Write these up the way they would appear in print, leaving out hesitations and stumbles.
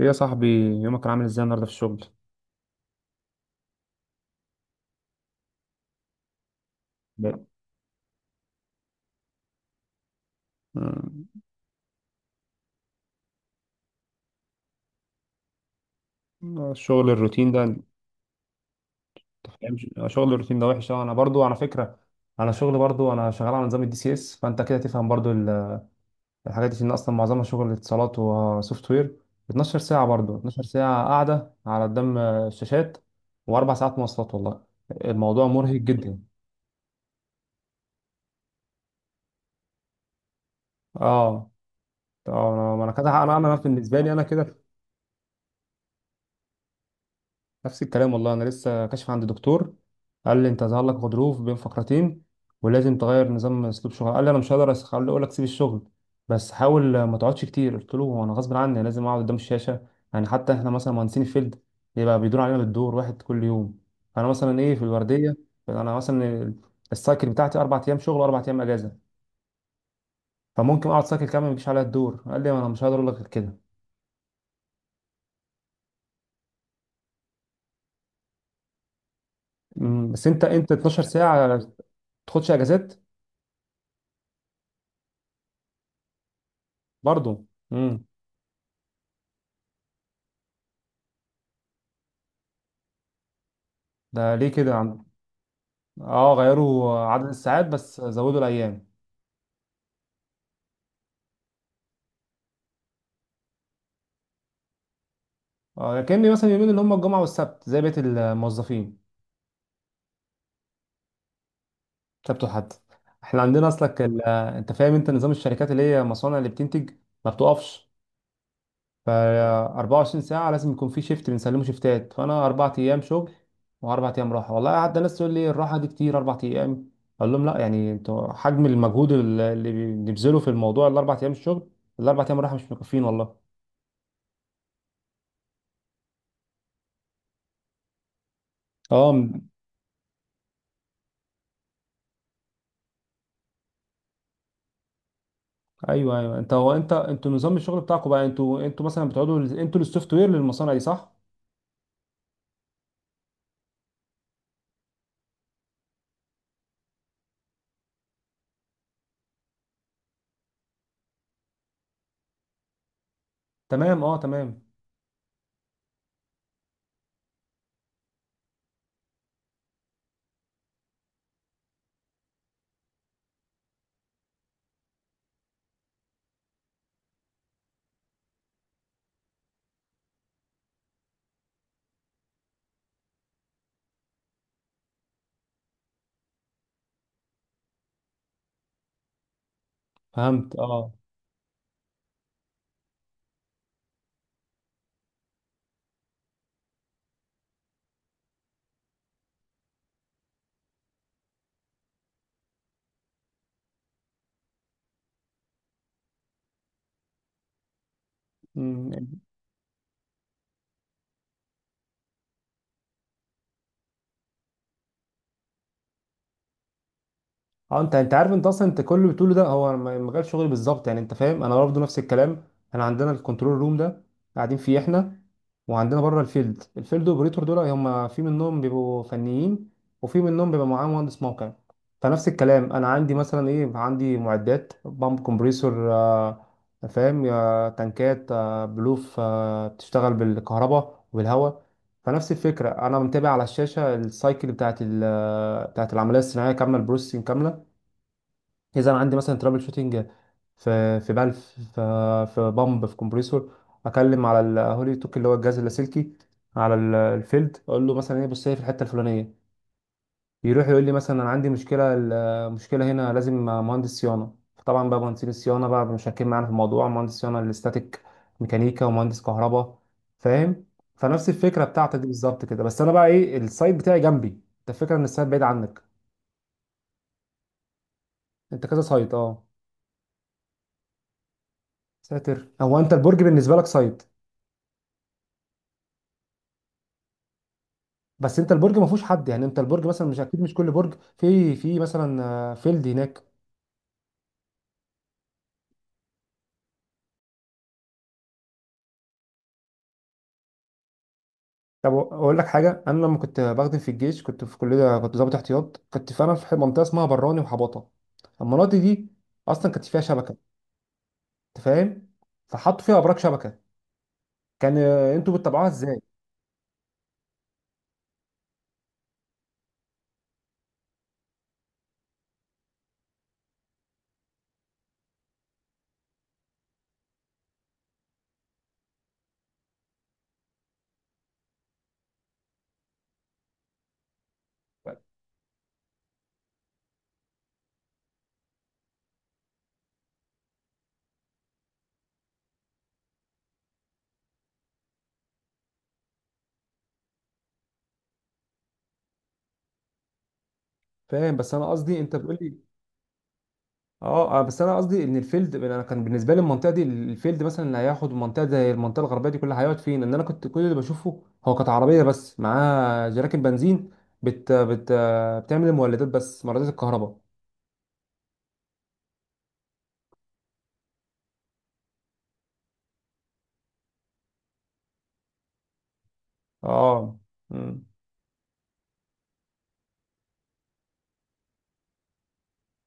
ايه يا صاحبي. يومك كان عامل ازاي النهارده في الشغل؟ ب- آه، الشغل الروتين ده انت فاهم شغل الروتين ده وحش أوي. انا برضو على فكره، انا شغل برضو انا شغال على نظام الدي سي اس، فانت كده تفهم برضو الحاجات دي ان اصلا معظمها شغل اتصالات وسوفت وير. 12 ساعه، برضو 12 ساعه قاعده على قدام الشاشات واربع ساعات مواصلات. والله الموضوع مرهق جدا. اه، اه، انا كده، انا بالنسبه لي انا كده. نفس الكلام والله. انا لسه كاشف عند دكتور، قال لي انت ظهر لك غضروف بين فقرتين ولازم تغير نظام اسلوب شغل. قال لي انا مش هقدر أس- هقول اقول لك سيب الشغل، بس حاول ما تقعدش كتير. قلت له هو انا غصب عني لازم اقعد قدام الشاشه. يعني حتى احنا مثلا مهندسين الفيلد، يبقى بيدور علينا بالدور واحد كل يوم. فانا مثلا ايه، في الورديه انا مثلا السايكل بتاعتي اربع ايام شغل واربع ايام اجازه، فممكن اقعد سايكل كامل ما يجيش عليا الدور. قال لي انا مش هقدر اقول لك غير كده. بس انت 12 ساعه ما تاخدش اجازات؟ برضه ده ليه كده عم؟ اه، غيروا عدد الساعات بس زودوا الايام؟ اه، كأني مثلا يومين اللي هم الجمعه والسبت زي بقيه الموظفين. سبت وحد. احنا عندنا انت فاهم انت نظام الشركات اللي هي مصانع اللي بتنتج ما بتقفش، ف 24 ساعه لازم يكون في شيفت بنسلمه شيفتات. فانا اربع ايام شغل واربع ايام راحه. والله قعدت ناس تقول لي الراحه دي كتير اربع ايام، اقول لهم لا، يعني انتوا حجم المجهود اللي بنبذله في الموضوع، الاربع ايام الشغل الاربع ايام راحه مش مكفين والله. اه. ايوه، ايوه، انت هو انت انتوا نظام الشغل بتاعكم بقى، انتوا مثلا بتقعدوا انتوا السوفت وير للمصانع دي، صح؟ تمام، اه تمام. فهمت. اه، اه، انت عارف، انت اصلا انت كل اللي بتقوله ده هو مجال شغلي بالظبط. يعني انت فاهم انا برضه نفس الكلام. احنا عندنا الكنترول روم ده قاعدين فيه احنا، وعندنا بره الفيلد، الفيلد اوبريتور دول هم في منهم بيبقوا فنيين وفي منهم بيبقى معاه مهندس موقع. فنفس الكلام، انا عندي مثلا ايه، عندي معدات بامب، كومبريسور، فاهم، تنكات، بلوف، بتشتغل بالكهرباء وبالهواء. فنفس الفكره، انا متابع على الشاشه السايكل بتاعت بتاعت العمليه الصناعيه كامله، البروسيسنج كامله. اذا انا عندي مثلا ترابل شوتنج في في بلف، في بامب، في كومبريسور، اكلم على الهولي توك اللي هو الجهاز اللاسلكي على الفيلد، اقول له مثلا ايه، بص هي في الحته الفلانيه. يروح يقول لي مثلا انا عندي مشكله هنا لازم مهندس صيانه. طبعا بقى مهندسين الصيانه بقى مشاركين معانا في الموضوع، مهندس صيانه الاستاتيك ميكانيكا ومهندس كهرباء، فاهم؟ فنفس الفكره بتاعتك دي بالظبط كده، بس انا بقى ايه، السايت بتاعي جنبي، انت الفكره ان السايت بعيد عنك. انت كذا سايت، اه. ساتر. هو انت البرج بالنسبه لك سايت. بس انت البرج ما فيهوش حد، يعني انت البرج مثلا مش اكيد، مش كل برج في مثلا فيلد هناك. طب اقول لك حاجه، انا لما كنت بخدم في الجيش كنت في كليه، كنت ضابط احتياط، كنت فعلا في منطقه اسمها براني وحباطه. المناطق دي اصلا كانت فيها شبكه، انت فاهم؟ فحطوا فيها ابراج شبكه، كان انتوا بتتابعوها ازاي؟ فاهم، بس انا قصدي انت بتقول لي، اه بس انا قصدي ان الفيلد، انا كان بالنسبه لي المنطقه دي الفيلد مثلا اللي هياخد منطقه زي المنطقه الغربيه دي كلها هيقعد فين؟ ان انا كنت كل اللي بشوفه هو كانت عربيه بس معاها جراكن بنزين بت بت بتعمل المولدات، بس مولدات الكهرباء. اه. مم.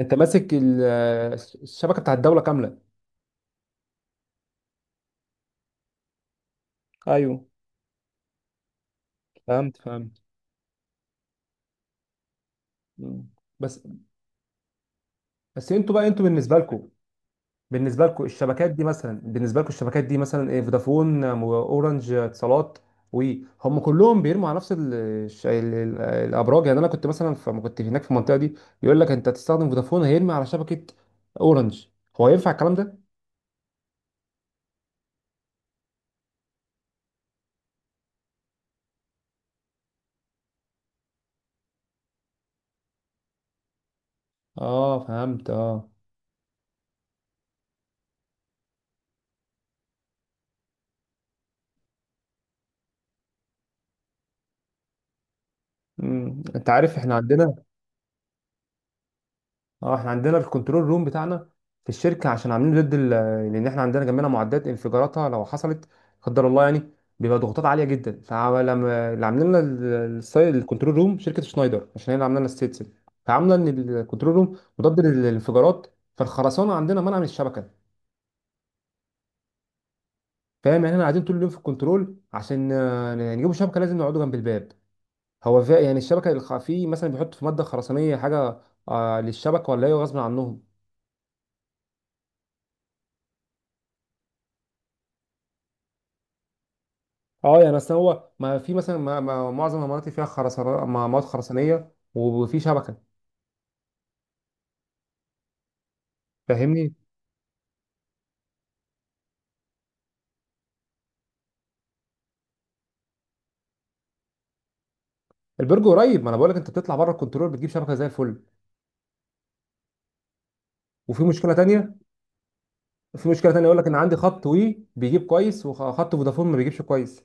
انت ماسك الشبكه بتاع الدوله كامله؟ ايوه. فهمت، فهمت. مم. بس بس انتوا بقى، انتوا بالنسبه لكم، بالنسبه لكم الشبكات دي مثلا، بالنسبه لكم الشبكات دي مثلا ايه، فودافون، اورنج، اتصالات، وهم كلهم بيرموا على نفس ال الش- ال ال الابراج؟ يعني انا كنت مثلا، فما كنت هناك في المنطقه دي يقول لك انت هتستخدم فودافون هيرمي على شبكه اورنج، هو ينفع الكلام ده؟ اه، فهمت، اه. مم. انت عارف احنا عندنا، اه، احنا عندنا الكنترول روم بتاعنا في الشركه عشان عاملينه ضد لان احنا عندنا جنبنا معدات انفجاراتها لو حصلت، قدر الله يعني، بيبقى ضغوطات عاليه جدا. فلما اللي عاملين لنا الكنترول روم شركه شنايدر، عشان هي اللي عامله لنا الستيتس، فعامله ان الكنترول روم مضاد للانفجارات، فالخرسانه عندنا منع من الشبكه، فاهم؟ يعني احنا قاعدين طول اليوم في الكنترول، عشان نجيبوا شبكه لازم نقعدوا جنب الباب. هو يعني الشبكه في مثلا بيحط في ماده خرسانيه حاجه للشبكه، ولا ايه غصب عنهم؟ اه، يعني اصل هو ما في مثلا، ما معظم المناطق فيها خرسانات، مواد خرسانيه، وفي شبكه، فاهمني؟ البرج قريب، ما انا بقول لك انت بتطلع بره الكنترول بتجيب شبكه زي الفل. وفي مشكله تانية في مشكله تانية، يقول لك ان عندي خط وي بيجيب كويس وخط فودافون ما بيجيبش كويس،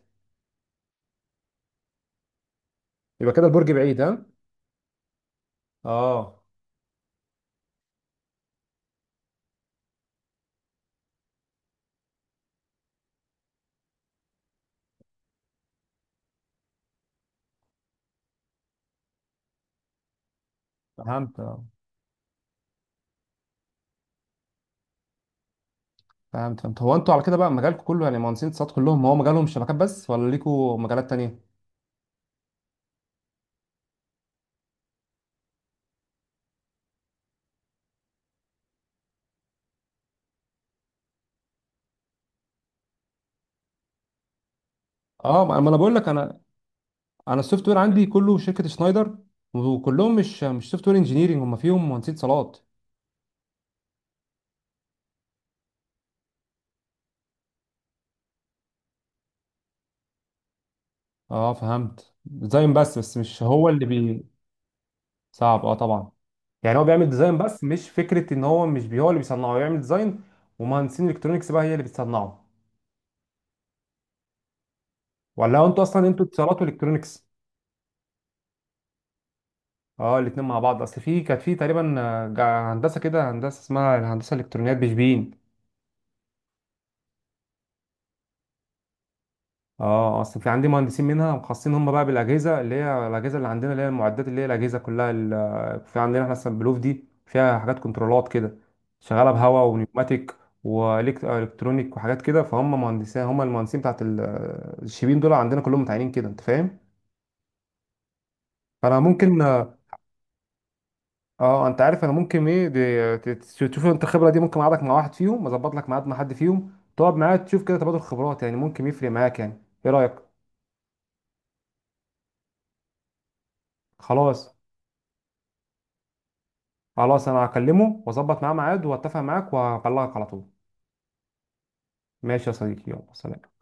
يبقى كده البرج بعيد، ها؟ اه، فهمت، اه، فهمت، فهمت. هو انتوا على كده بقى مجالكم كله يعني مهندسين اتصالات كلهم هو مجالهم شبكات بس، ولا ليكوا مجالات تانية؟ اه، ما ما انا بقول لك، انا السوفت وير عندي كله شركه شنايدر، وكلهم مش سوفت وير انجينيرنج، هم فيهم مهندسين اتصالات. اه، فهمت. ديزاين بس مش هو اللي بي. صعب، اه طبعا. يعني هو بيعمل ديزاين بس، مش فكره ان هو، مش بي هو اللي بيصنعه، هو يعمل ديزاين ومهندسين الكترونكس بقى هي اللي بتصنعه، ولا انتوا اصلا انتوا اتصالات والكترونكس؟ اه، الاتنين مع بعض. اصل في كانت في تقريبا هندسه كده، هندسه اسمها الهندسه الالكترونيات بشبين. اه اصل في عندي مهندسين منها مخصصين هم بقى بالاجهزه، اللي هي الاجهزه اللي عندنا، اللي هي المعدات، اللي هي الاجهزه كلها في عندنا احنا مثلا بلوف دي فيها حاجات كنترولات كده، شغاله بهواء ونيوماتيك والكترونيك وحاجات كده، فهم مهندسين هم المهندسين بتاعت الشيبين دول، عندنا كلهم متعينين كده، انت فاهم؟ فانا ممكن اه، انت عارف انا ممكن ايه، تشوف انت الخبره دي، ممكن اقعدك مع واحد فيهم، اظبط لك ميعاد مع حد فيهم، تقعد معاه تشوف كده، تبادل خبرات، يعني ممكن يفرق معاك، يعني ايه رايك؟ خلاص، خلاص انا هكلمه واظبط معاه ميعاد واتفق معاك وهبلغك على طول. ماشي يا صديقي، يلا سلام.